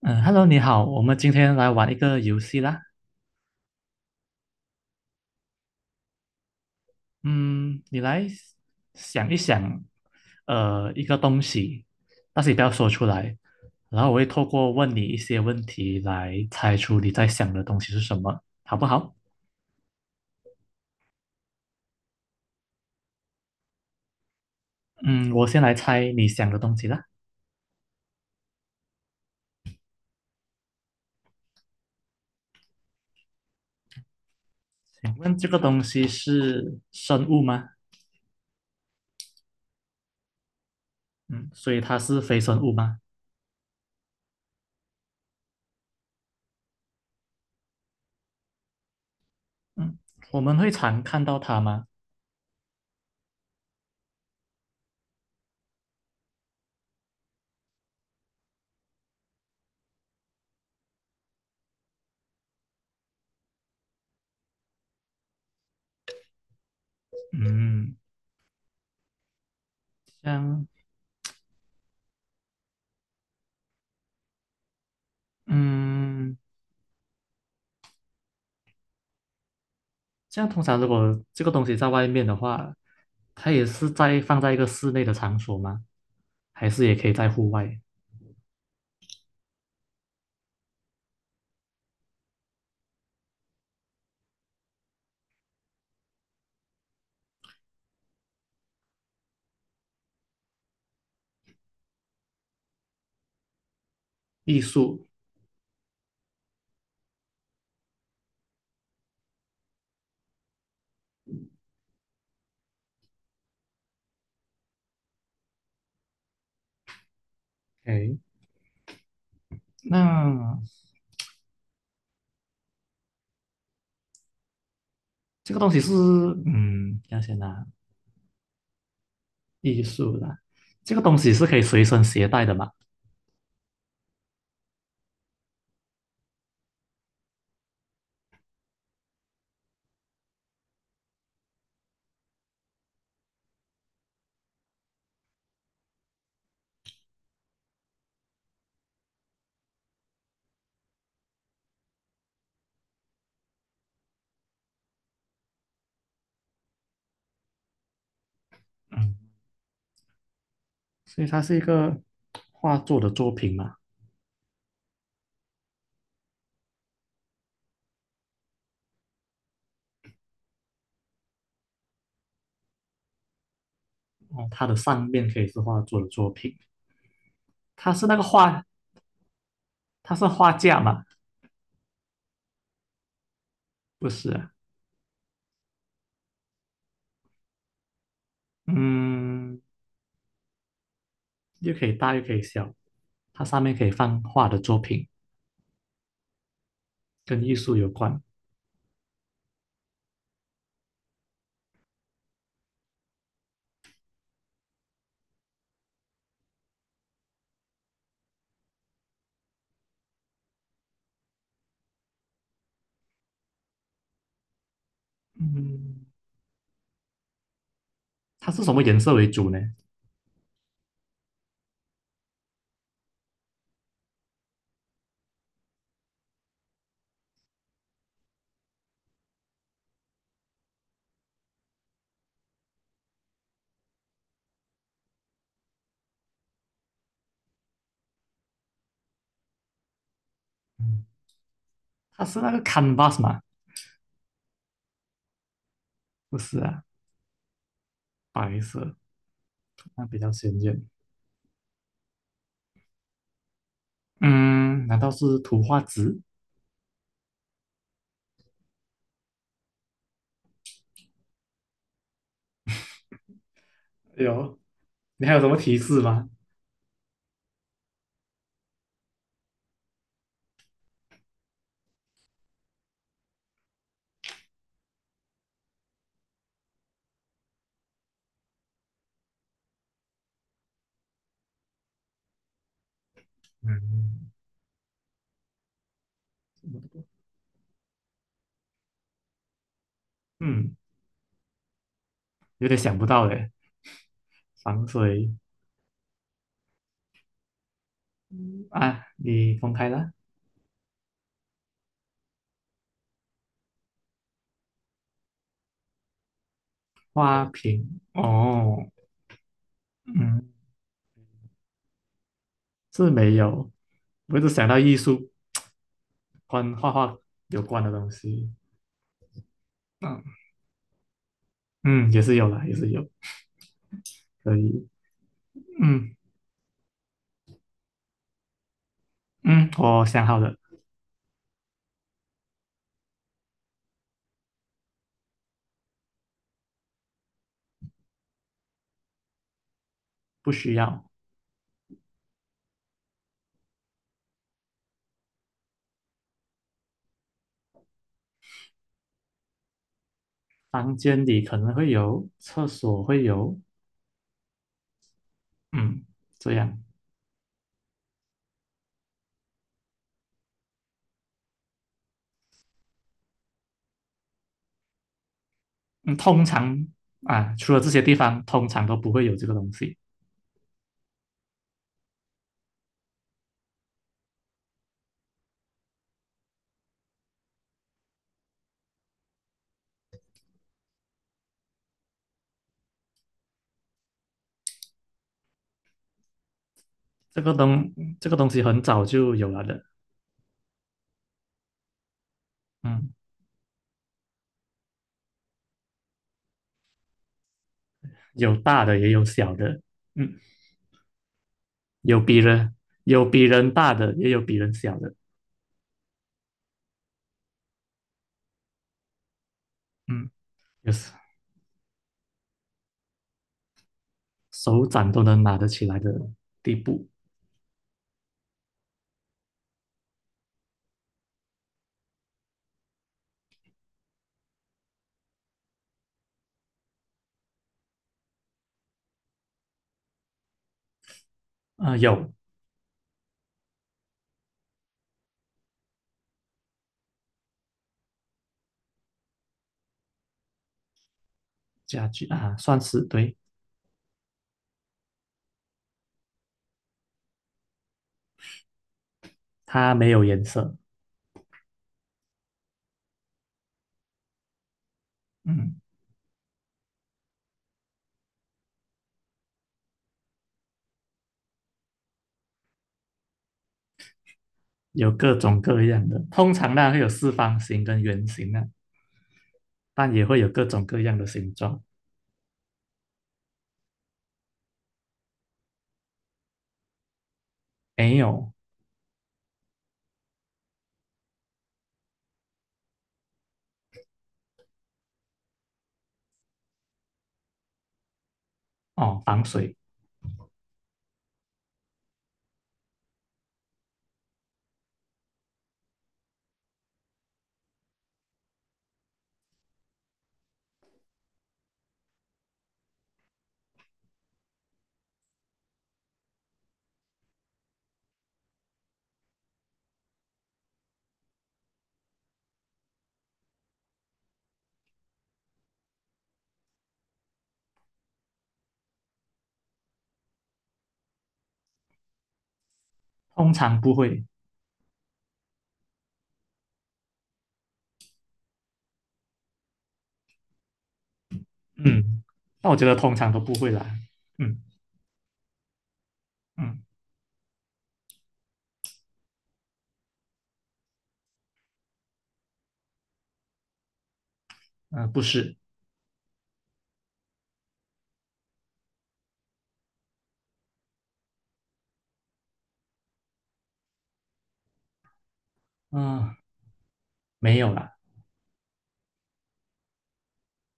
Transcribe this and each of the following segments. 嗯，Hello，你好，我们今天来玩一个游戏啦。嗯，你来想一想，一个东西，但是你不要说出来，然后我会透过问你一些问题来猜出你在想的东西是什么，好不好？嗯，我先来猜你想的东西啦。请问这个东西是生物吗？嗯，所以它是非生物吗？嗯，我们会常看到它吗？嗯，像，嗯。这样通常如果这个东西在外面的话，它也是在放在一个室内的场所吗？还是也可以在户外？艺术，哎，那这个东西是，嗯，要先拿艺术啦，这个东西是可以随身携带的嘛？嗯，所以它是一个画作的作品嘛。哦，它的上面可以是画作的作品，它是那个画，它是画架嘛？不是啊，嗯，又可以大又可以小，它上面可以放画的作品。跟艺术有关。嗯，它是什么颜色为主呢？嗯，它是那个 canvas 嘛？不是啊，白色，那比较鲜艳。嗯，难道是图画纸？有，你还有什么提示吗？嗯嗯，有点想不到诶。防水啊，你公开了花瓶哦，嗯，是没有。我一直想到艺术关画画有关的东西，嗯嗯，也是有啦，也是有，可以，嗯。嗯，我想好了，不需要。房间里可能会有，厕所会有，嗯，这样。嗯，通常啊，除了这些地方，通常都不会有这个东西。这个东这个东西很早就有了的，嗯，有大的也有小的，嗯，有比人有比人大的，也有比人小的，嗯，有是手掌都能拿得起来的地步。啊、有家具啊，算是对，它没有颜色，嗯。有各种各样的，通常呢会有四方形跟圆形啊，但也会有各种各样的形状。没有哦，防水通常不会，嗯，那我觉得通常都不会啦，嗯嗯嗯、不是，嗯、没有啦，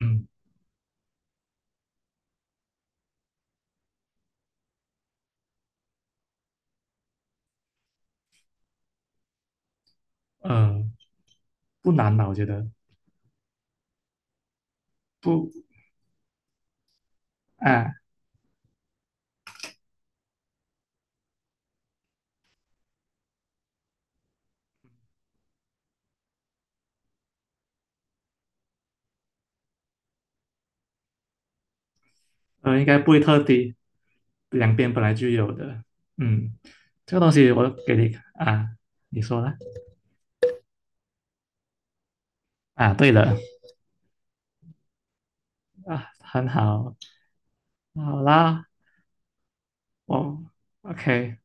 嗯呃，不难吧？我觉得不啊，应该不会特地，两边本来就有的，嗯，这个东西我给你啊，你说啦，啊，对了啊，很好，好啦，哦，OK，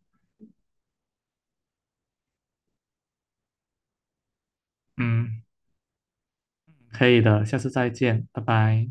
嗯，可以的，下次再见，拜拜。